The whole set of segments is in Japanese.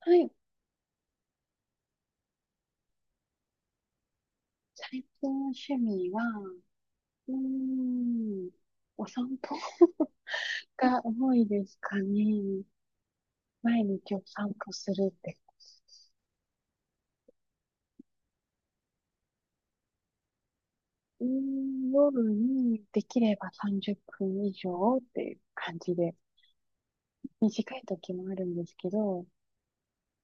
はい。最近の趣味は、うーん、お散歩が多いですかね。毎日お散歩するって。夜にできれば30分以上っていう感じで、短い時もあるんですけど、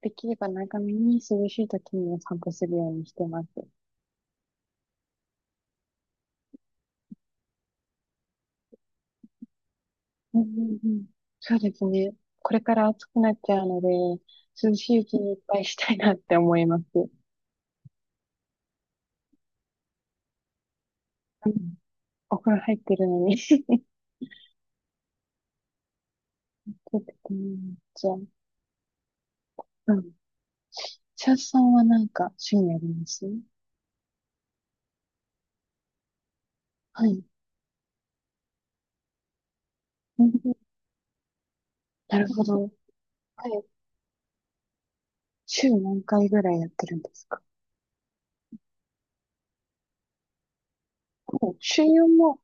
できれば長めに涼しい時にお散歩するようにしてます。うんうんうん。そうですね。これから暑くなっちゃうので、涼しいうちにいっぱいしたいなって思います。うん。お風呂入ってるのに出てこないんじゃん。うん。シャッさんはなんか趣味あります？はい。うん、なるほど。はい。週何回ぐらいやってるんですか？お週4も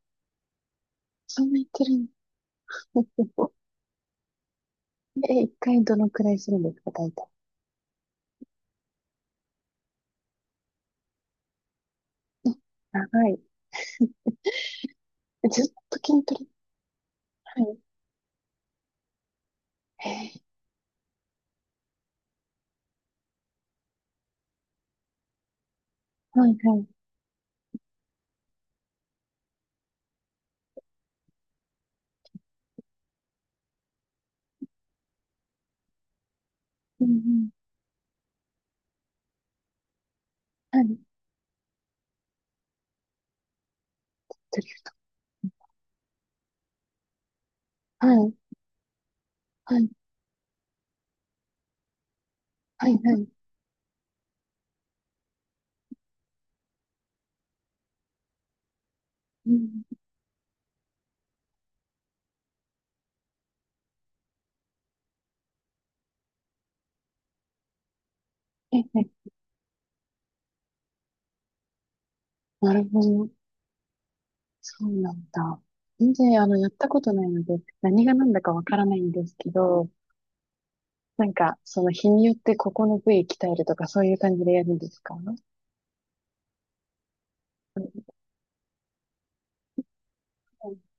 そんなやってるんで、1回どのくらいするんですか、大体？長い。え、ずっと筋トレ？はい。へえー。はいはい。うんうん。はい。ドリフト。はい。はい。はいはい。うん。えーえー。なるほど。そうなんだ。全然、やったことないので、何が何だかわからないんですけど、なんか、その日によってここの部位鍛えるとか、そういう感じでやるんですか？はい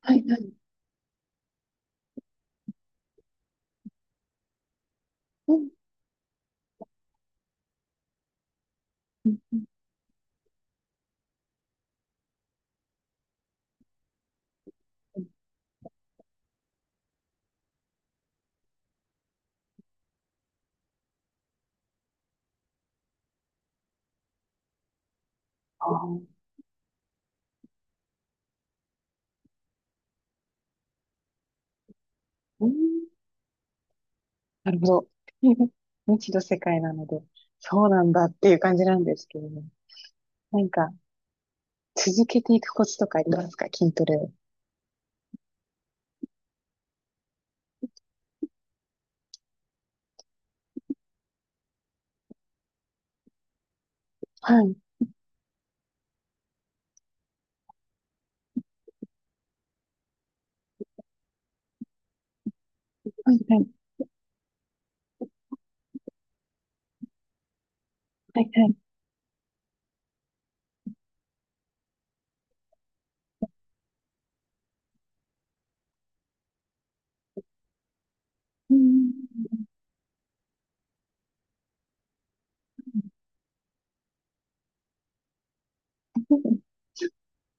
はい。うん。うん、ああ、うん。なるほど。未知の世界なので、そうなんだっていう感じなんですけれども。なんか、続けていくコツとかありますか、筋トレを？はい。はい、はい、はい、はい。うん。そうな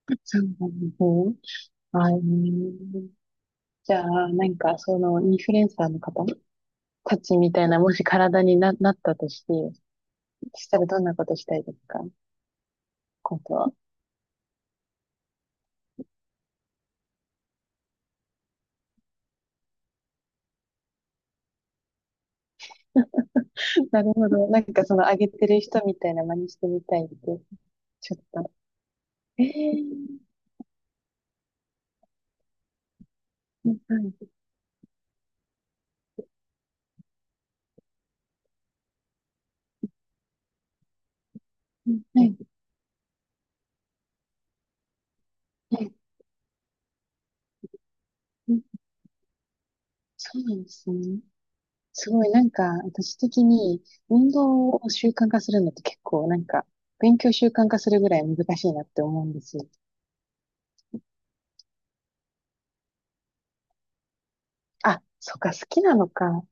んですね。あー、じゃあ、なんか、その、インフルエンサーの方たちみたいな、もし体になったとして、そしたらどんなことしたいですか、こと？なるほど。なんかその上げてる人みたいな真似してみたいって、ちょっと。ええ。はい、はい、はい。うん、そうなんですね。すごい、なんか、私的に、運動を習慣化するのって結構、なんか、勉強習慣化するぐらい難しいなって思うんですよ。あ、そっか、好きなのか。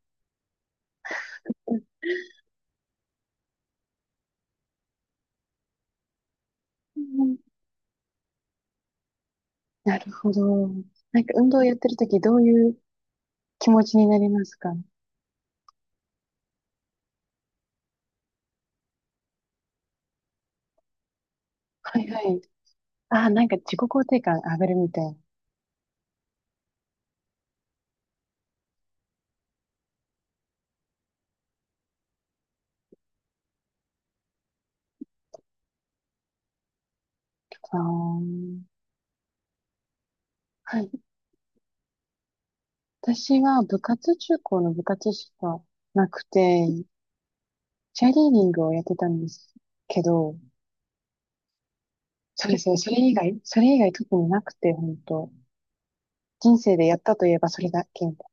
うん、なるほど。なんか、運動やってるとき、どういう気持ちになりますか？はいはい。ああ、なんか自己肯定感上がるみたいな。ああ。はい。私は部活、中高の部活しかなくて、チアリーディングをやってたんですけど、そうですね、それ以外特になくて、本当人生でやったといえばそれだけみた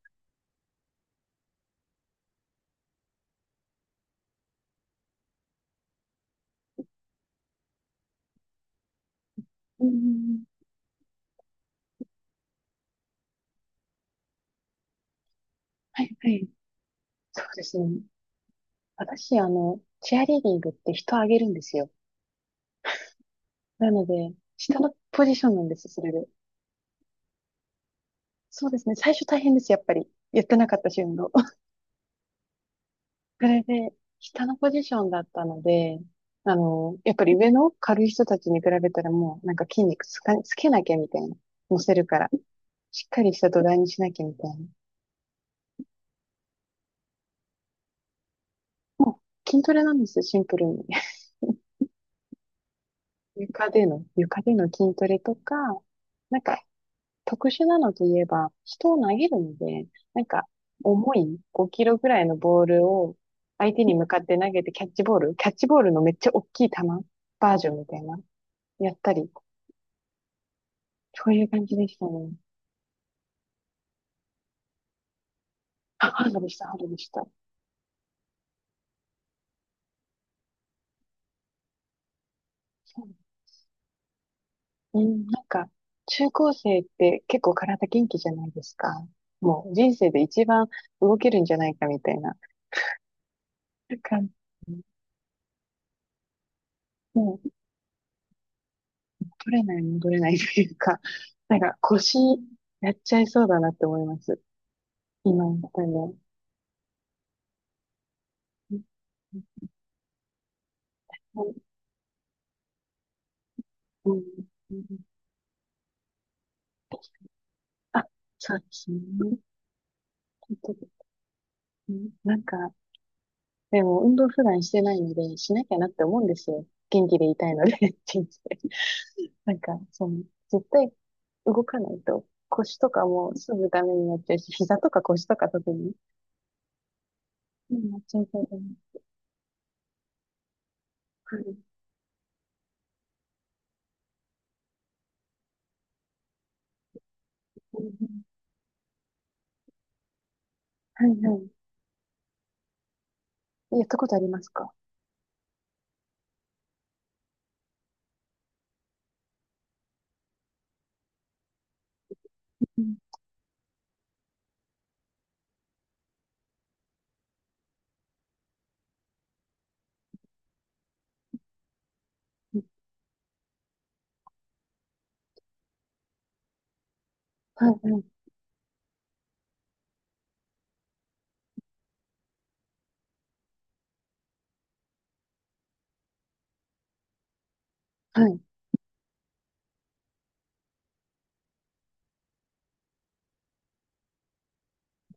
いな。うん。ん。はいはい。そうですね。私、チアリーディングって人をあげるんですよ。なので、下のポジションなんです、それで。そうですね、最初大変です、やっぱり。やってなかったし、運動。それで、下のポジションだったので、やっぱり上の軽い人たちに比べたらもう、なんか筋肉つけなきゃみたいな。乗せるから。しっかりした土台にしなきゃみたいな。もう、筋トレなんですよ、シンプルに。床での筋トレとか、なんか、特殊なのといえば、人を投げるので、なんか、重い5キロぐらいのボールを相手に向かって投げてキャッチボールのめっちゃ大きい球バージョンみたいな、やったりそういう感じでしたね。あ、ハードでした、ハードでした。そう、うん、なんか、中高生って結構体元気じゃないですか。もう人生で一番動けるんじゃないかみたいな感じ。もう取れない戻れないというか、なんか腰やっちゃいそうだなって思います。今やったら。うんうんうんうん。あ、そうですね。本当に。うん、なんか、でも運動普段してないので、しなきゃなって思うんですよ。元気でいたいので、人生。なんか、その、絶対動かないと、腰とかもすぐダメになっちゃうし、膝とか腰とか特に、うん、なっちゃいそうだね。はい。はい、はい。やったことありますか？うん、うん。はい、はい、はい。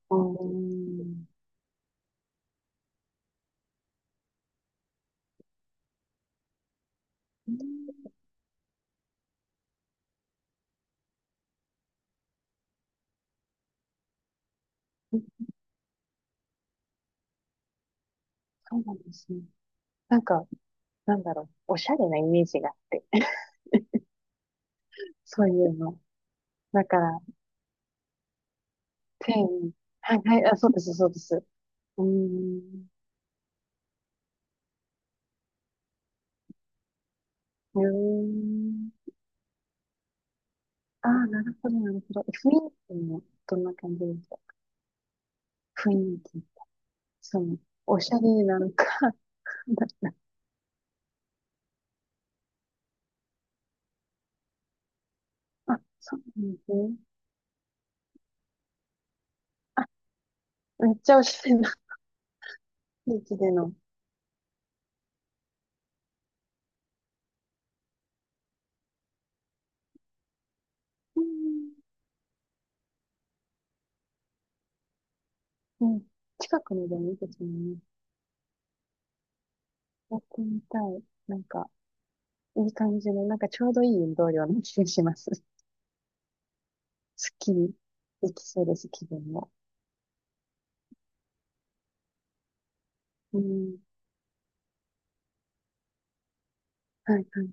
あー、うん、そうなんですね。なんか、なんだろう、おしゃれなイメージがあって、そういうの。だから、ペン、はいはい、あ、そうです、そうです。うーん、うーん。ああ、なるほど、なるほど。雰囲気も。どんな感じです？雰囲気。そう。おしゃれなのか、わかんないな。あ、そうなんですね。あ、めっちゃおしゃれな雰囲気での。うん。うん、近くにでもいいですもんね。やってみたい。なんか、いい感じの、なんかちょうどいい運動量の気がします。すっきりできそうです、気分も。うん。はいはい。